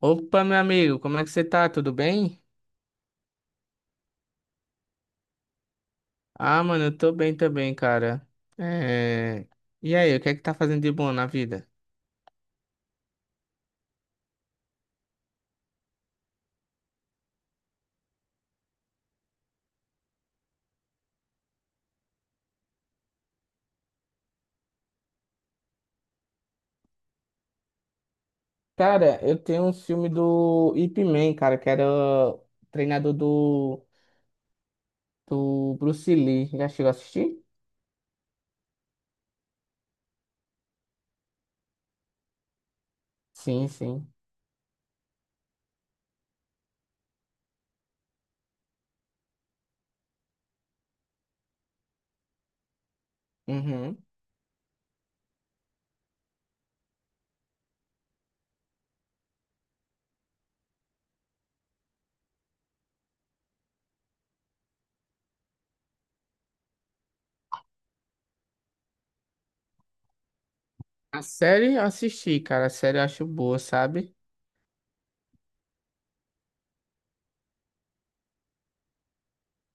Opa, meu amigo, como é que você tá? Tudo bem? Ah, mano, eu tô bem também, cara. É... E aí, o que é que tá fazendo de bom na vida? Cara, eu tenho um filme do Ip Man, cara, que era o treinador do Bruce Lee. Já chegou a assistir? Sim, sim. Uhum. A série eu assisti, cara. A série eu acho boa, sabe?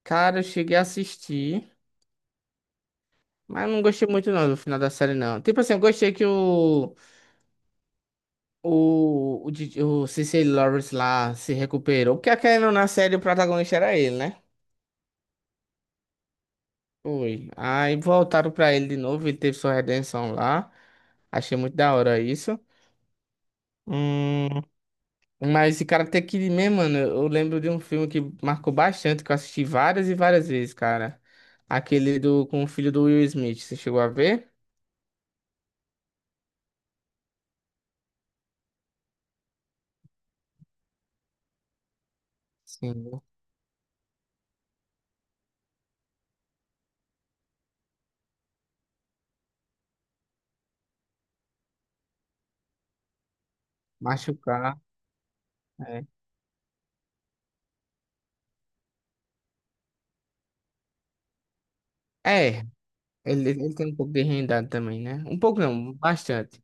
Cara, eu cheguei a assistir, mas não gostei muito não do final da série, não. Tipo assim, eu gostei que o DJ o Cecily Lawrence lá se recuperou, porque querendo ou não na série o protagonista era ele, né? Foi. Aí voltaram pra ele de novo, ele teve sua redenção lá. Achei muito da hora isso. Hum, mas esse Karate Kid mesmo, mano, eu lembro de um filme que marcou bastante, que eu assisti várias e várias vezes, cara. Aquele do com o filho do Will Smith, você chegou a ver? Sim. Machucar. É, é, ele tem um pouco de rendado também, né? Um pouco não, bastante.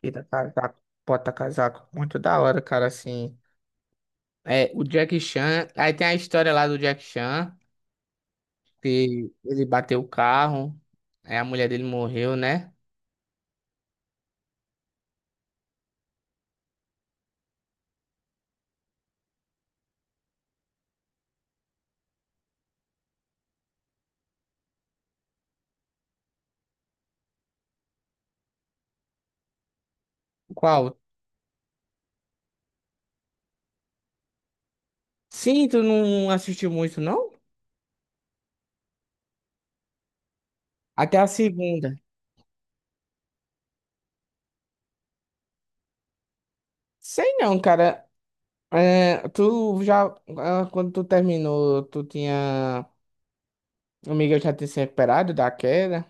Tira casaco, bota casaco. Muito da hora, cara, assim. É, o Jack Chan. Aí tem a história lá do Jack Chan, que ele bateu o carro, aí a mulher dele morreu, né? Qual? Sim, tu não assistiu muito, não? Até a segunda. Sei não, cara. É, tu já. Quando tu terminou, tu tinha. O Miguel já tinha se recuperado da queda.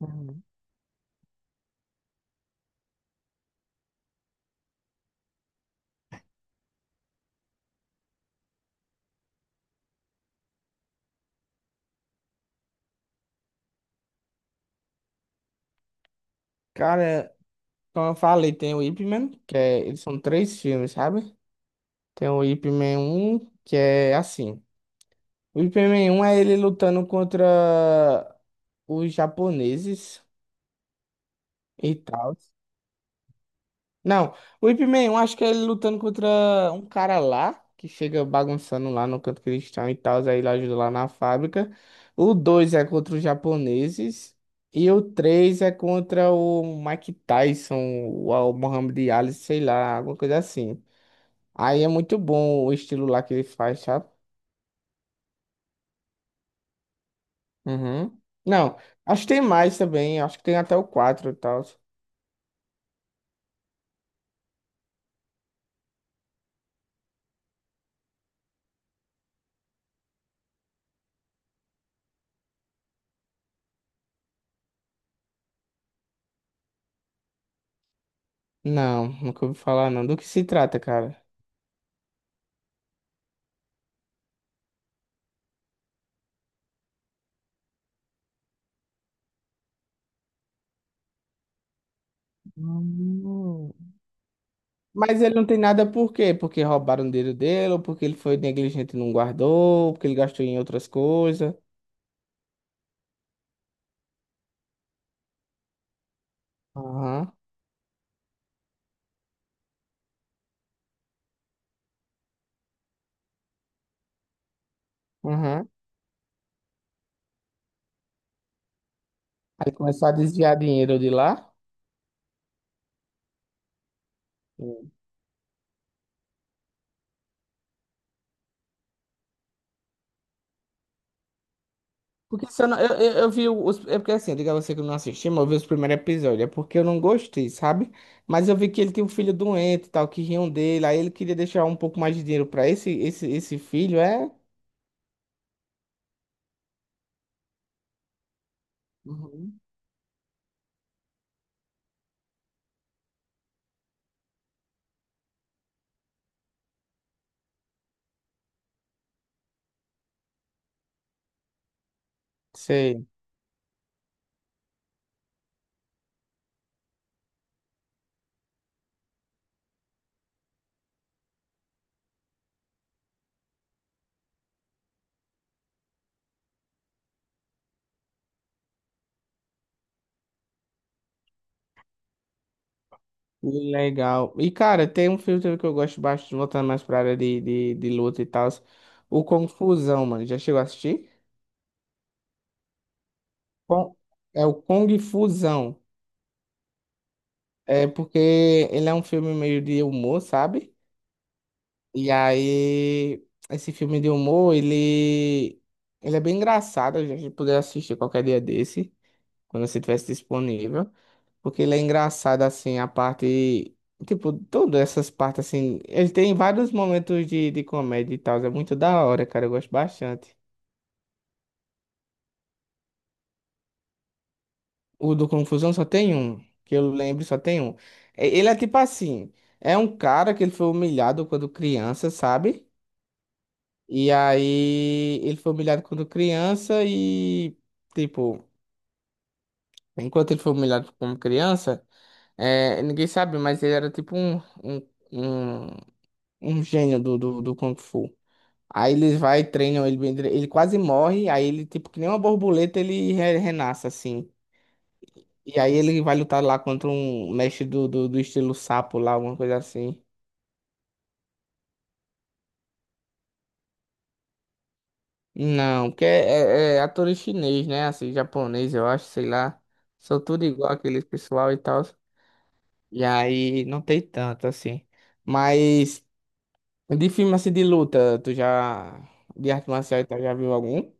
Uhum. Cara, como eu falei, tem o Ip Man, que é, eles são três filmes, sabe? Tem o Ip Man 1, que é assim. O Ip Man 1 é ele lutando contra os japoneses e tal. Não, o Ip Man 1 acho que é ele lutando contra um cara lá, que chega bagunçando lá no canto cristão e tal, aí ele ajuda lá na fábrica. O 2 é contra os japoneses. E o 3 é contra o Mike Tyson, o Muhammad Ali, sei lá, alguma coisa assim. Aí é muito bom o estilo lá que ele faz, sabe? Uhum. Não, acho que tem mais também. Acho que tem até o 4 e tal. Não, nunca ouvi falar não. Do que se trata, cara? Hum. Mas ele não tem nada por quê? Porque roubaram o dinheiro dele, ou porque ele foi negligente e não guardou, ou porque ele gastou em outras coisas. Aham, aham. Aí começou a desviar dinheiro de lá. Porque se eu, não, eu vi os. É porque assim, eu digo a você que eu não assisti, mas eu vi os primeiros episódios. É porque eu não gostei, sabe? Mas eu vi que ele tinha um filho doente e tal, que riam dele. Aí ele queria deixar um pouco mais de dinheiro pra esse filho, é? Uhum. Sei. Legal. E, cara, tem um filme também que eu gosto bastante, voltando mais pra área de luta e tal. O Confusão, mano. Já chegou a assistir? Con- É o Kung Fusão. É porque ele é um filme meio de humor, sabe? E aí, esse filme de humor, ele é bem engraçado, a gente poder assistir qualquer dia desse, quando você tivesse disponível, porque ele é engraçado, assim, a parte, tipo, todas essas partes, assim, ele tem vários momentos de comédia e tal, é muito da hora, cara, eu gosto bastante. O do Confusão só tem um, que eu lembro só tem um. Ele é tipo assim, é um cara que ele foi humilhado quando criança, sabe? E aí ele foi humilhado quando criança e, tipo, enquanto ele foi humilhado como criança, é, ninguém sabe, mas ele era tipo um, um, um gênio do Kung Fu. Aí eles vai, e treinam ele, ele quase morre, aí ele, tipo, que nem uma borboleta, ele renasce, assim. E aí ele vai lutar lá contra um mestre do estilo sapo lá, alguma coisa assim. Não, porque é ator chinês, né? Assim, japonês, eu acho, sei lá. São tudo igual aqueles pessoal e tal. E aí não tem tanto assim. Mas de filme assim de luta, tu já. De arte marcial, e tal, já viu algum?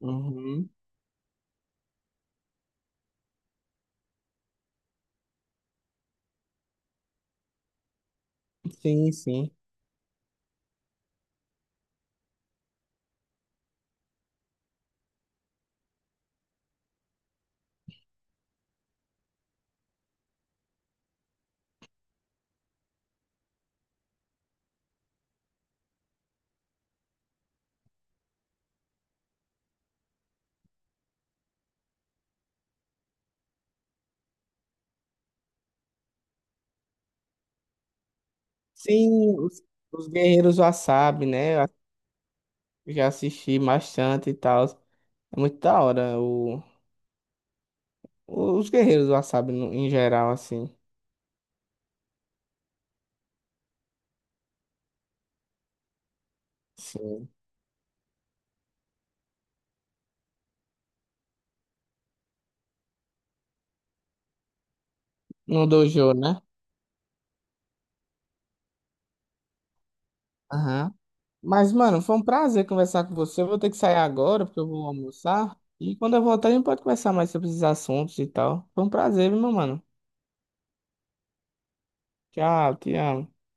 Uhum. Sim, sim. Sim, os, os Guerreiros Wasabi, né? Eu já assisti bastante e tal. É muito da hora os Guerreiros Wasabi no, em geral, assim. Sim. No dojo, né? Aham. Mas, mano, foi um prazer conversar com você. Eu vou ter que sair agora, porque eu vou almoçar. E quando eu voltar, a gente pode conversar mais sobre esses assuntos e tal. Foi um prazer, viu, meu mano. Tchau, te amo.